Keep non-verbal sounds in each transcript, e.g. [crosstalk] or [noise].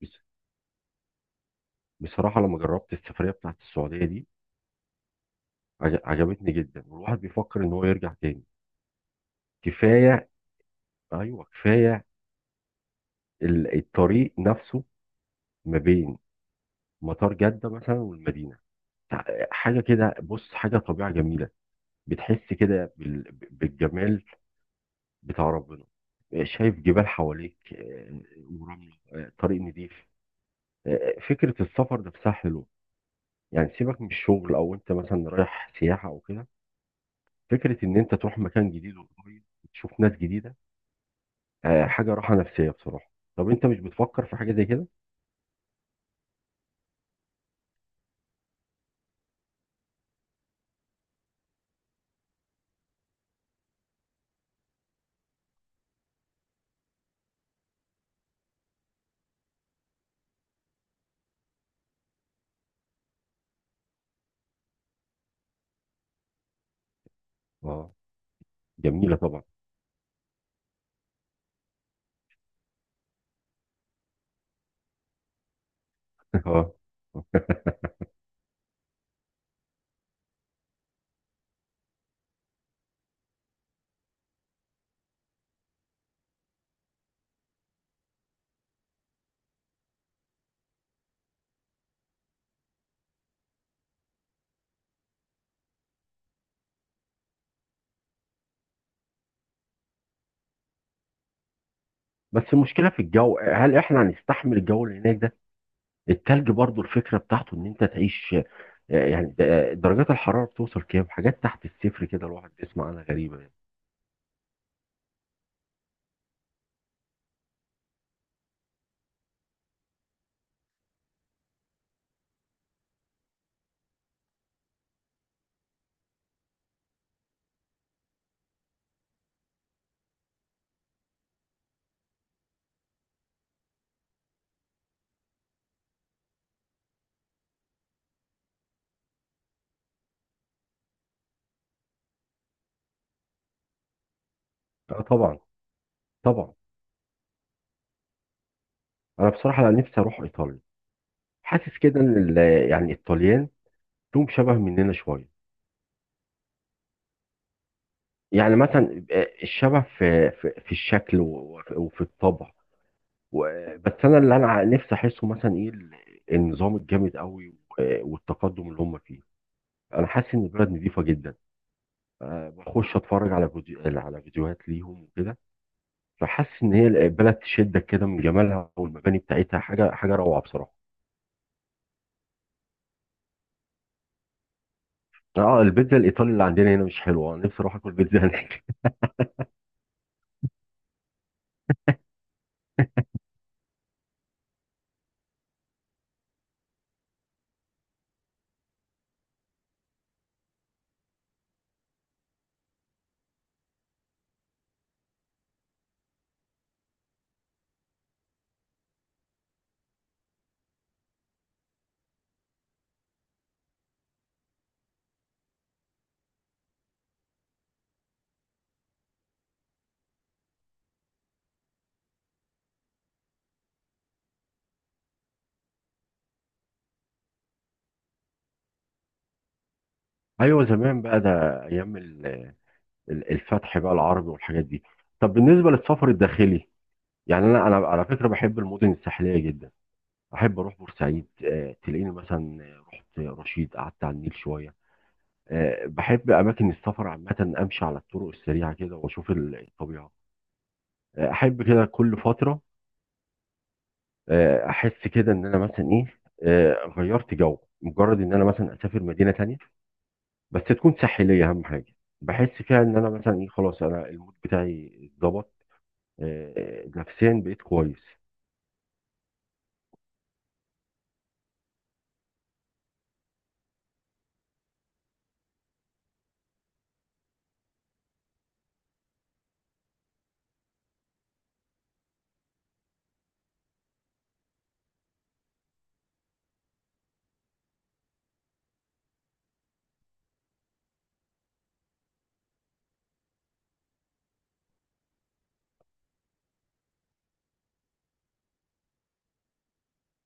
بس- بصراحة لما جربت السفرية بتاعت السعودية دي عجبتني جدا، والواحد بيفكر ان هو يرجع تاني. كفاية. ايوه كفاية. الطريق نفسه ما بين مطار جدة مثلا والمدينة، حاجة كده. بص، حاجة طبيعة جميلة، بتحس كده بالجمال بتاع ربنا. شايف جبال حواليك، ورملة، طريق نضيف. فكرة السفر نفسها حلوة، يعني سيبك من الشغل او انت مثلا رايح سياحة او كده. فكرة إن أنت تروح مكان جديد وقريب وتشوف ناس جديدة، حاجة راحة نفسية بصراحة. طب أنت مش بتفكر في حاجة زي كده؟ أه، جميلة طبعا. [laughs] أه، بس المشكلة في الجو، هل إحنا هنستحمل الجو اللي هناك ده؟ التلج برضو الفكرة بتاعته إن أنت تعيش، درجات الحرارة بتوصل كام؟ حاجات تحت الصفر كده الواحد بيسمع عنها غريبة يعني. أه طبعا، طبعا. أنا بصراحة لا، نفسي أروح إيطاليا. حاسس كده إن يعني الطليان لهم شبه مننا شوية. يعني مثلا، الشبه في الشكل وفي الطبع. بس انا اللي انا نفسي احسه مثلا ايه، النظام الجامد قوي والتقدم اللي هم فيه. انا حاسس ان البلد نظيفه جدا. أه، بخش اتفرج على فيديوهات ليهم وكده، فحاسس ان هي البلد تشدك كده من جمالها، والمباني بتاعتها حاجه روعه بصراحه. اه البيتزا الايطالي اللي عندنا هنا مش حلوه، انا نفسي اروح اكل بيتزا هناك. [laughs] ايوه زمان بقى ده، ايام الفتح بقى العربي والحاجات دي. طب بالنسبه للسفر الداخلي، يعني انا على فكره بحب المدن الساحليه جدا. احب اروح بورسعيد، تلاقيني مثلا رحت رشيد قعدت على النيل شويه. بحب اماكن السفر عامه، امشي على الطرق السريعه كده واشوف الطبيعه. احب كده كل فتره. احس كده ان انا مثلا ايه، غيرت جو، مجرد ان انا مثلا اسافر مدينه تانية بس تكون ساحليه، اهم حاجه بحس فيها ان انا مثلا ايه، خلاص انا المود بتاعي اتظبط. نفسيا بقيت كويس.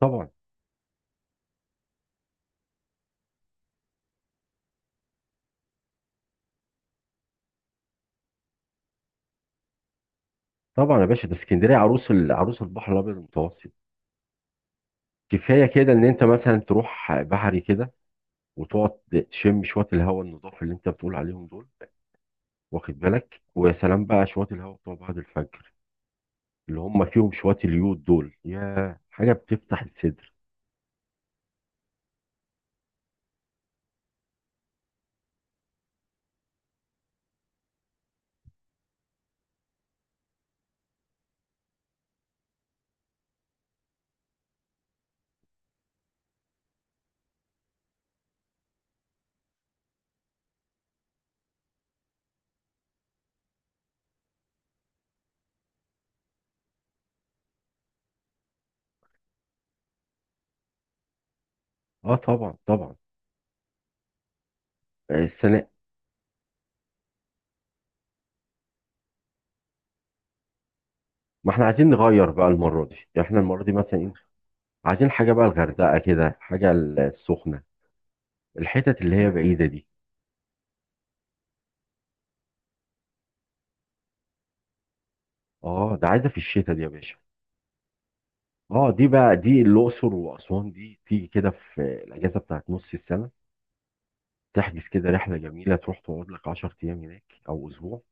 طبعا طبعا يا باشا، ده اسكندريه عروس عروس البحر الابيض المتوسط. كفايه كده ان انت مثلا تروح بحري كده وتقعد تشم شويه الهواء النضاف اللي انت بتقول عليهم دول. واخد بالك، ويا سلام بقى شويه الهواء بتوع بعد الفجر اللي هم فيهم شويه اليود دول، يا حاجه بتفتح الصدر. اه طبعا طبعا. آه، السنه ما احنا عايزين نغير بقى المره دي، يعني احنا المره دي مثلا ايه، عايزين حاجه بقى الغردقه كده، حاجه السخنه، الحتت اللي هي بعيده دي. اه ده عايزه في الشتاء دي يا باشا. اه دي بقى، دي الاقصر واسوان دي تيجي كده في الاجازه بتاعت نص السنه، تحجز كده رحله جميله تروح تقعد لك 10 ايام هناك او اسبوع.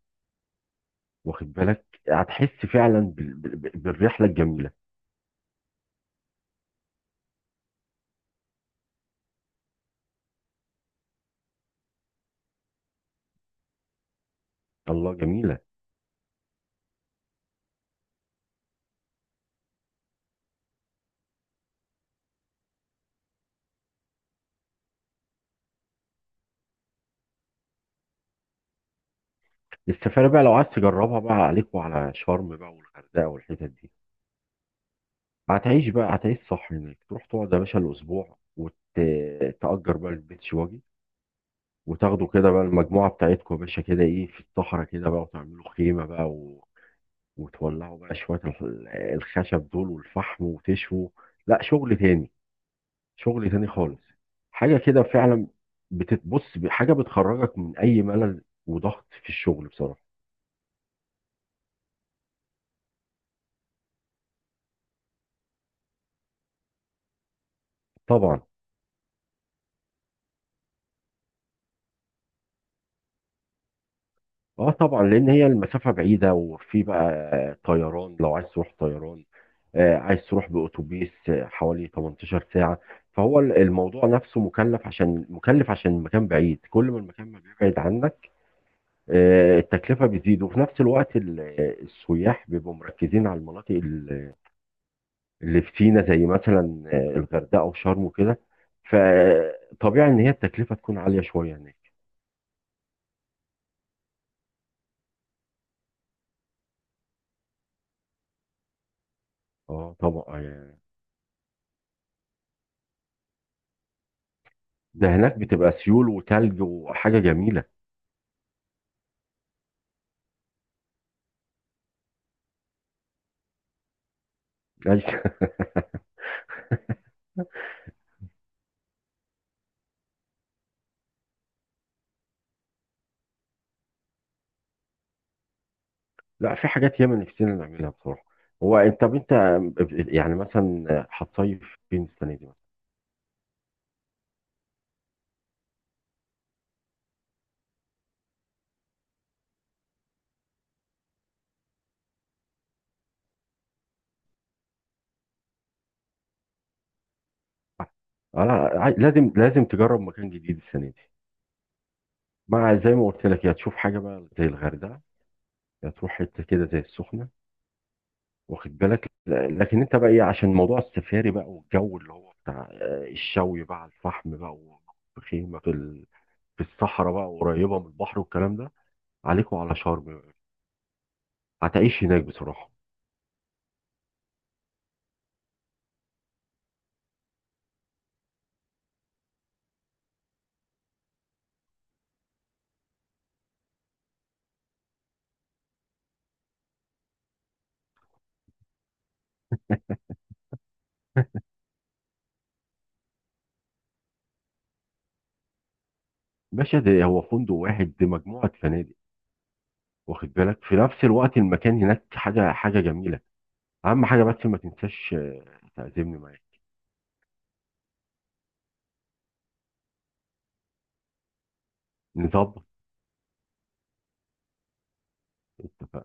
واخد بالك هتحس فعلا بالرحله الجميله. الله جميله. السفاره بقى لو عايز تجربها بقى عليك وعلى شرم بقى والغردقه والحتت دي. هتعيش بقى، هتعيش صح هناك. تروح تقعد يا باشا الاسبوع، وتأجر بقى البيتش واجي، وتاخدوا كده بقى المجموعه بتاعتكم يا باشا كده، ايه، في الصحراء كده بقى وتعملوا خيمه بقى، وتولعوا بقى شوية الخشب دول والفحم، وتشووا. لا، شغل تاني. شغل تاني خالص. حاجة كده فعلا، بتتبص حاجة بتخرجك من أي ملل وضغط في الشغل بصراحة. طبعا. اه طبعا، لأن هي المسافة بعيدة، وفي بقى طيران لو عايز تروح طيران، عايز تروح بأتوبيس، حوالي 18 ساعة. فهو الموضوع نفسه مكلف، عشان مكلف عشان المكان بعيد، كل ما المكان ما بيبعد عنك، التكلفة بتزيد. وفي نفس الوقت السياح بيبقوا مركزين على المناطق اللي في سينا، زي مثلا، الغردقة وشرم وكده، فطبيعي إن هي التكلفة تكون عالية شوية هناك. اه طبعا. ده هناك بتبقى سيول وتلج وحاجة جميلة. لا. [laughs] لا، في حاجات ياما نفسنا نعملها بصراحة. هو انت، طب انت يعني مثلا هتصيف فين السنة دي مثلا؟ اه لا، لازم لازم تجرب مكان جديد السنة دي. مع زي ما قلت لك، يا تشوف حاجة بقى زي الغردقة، هتروح حته كده زي السخنه. واخد بالك، لكن انت بقى ايه، عشان موضوع السفاري بقى، والجو اللي هو بتاع الشوي بقى على الفحم بقى، وخيمه في الصحراء بقى قريبه من البحر والكلام ده، عليكوا على شرم. هتعيش هناك بصراحه. باشا ده هو فندق واحد؟ دي مجموعه فنادق. واخد بالك، في نفس الوقت المكان هناك حاجه حاجه جميله. اهم حاجه بس ما تنساش، تعزمني معاك. نظبط. اتفقنا.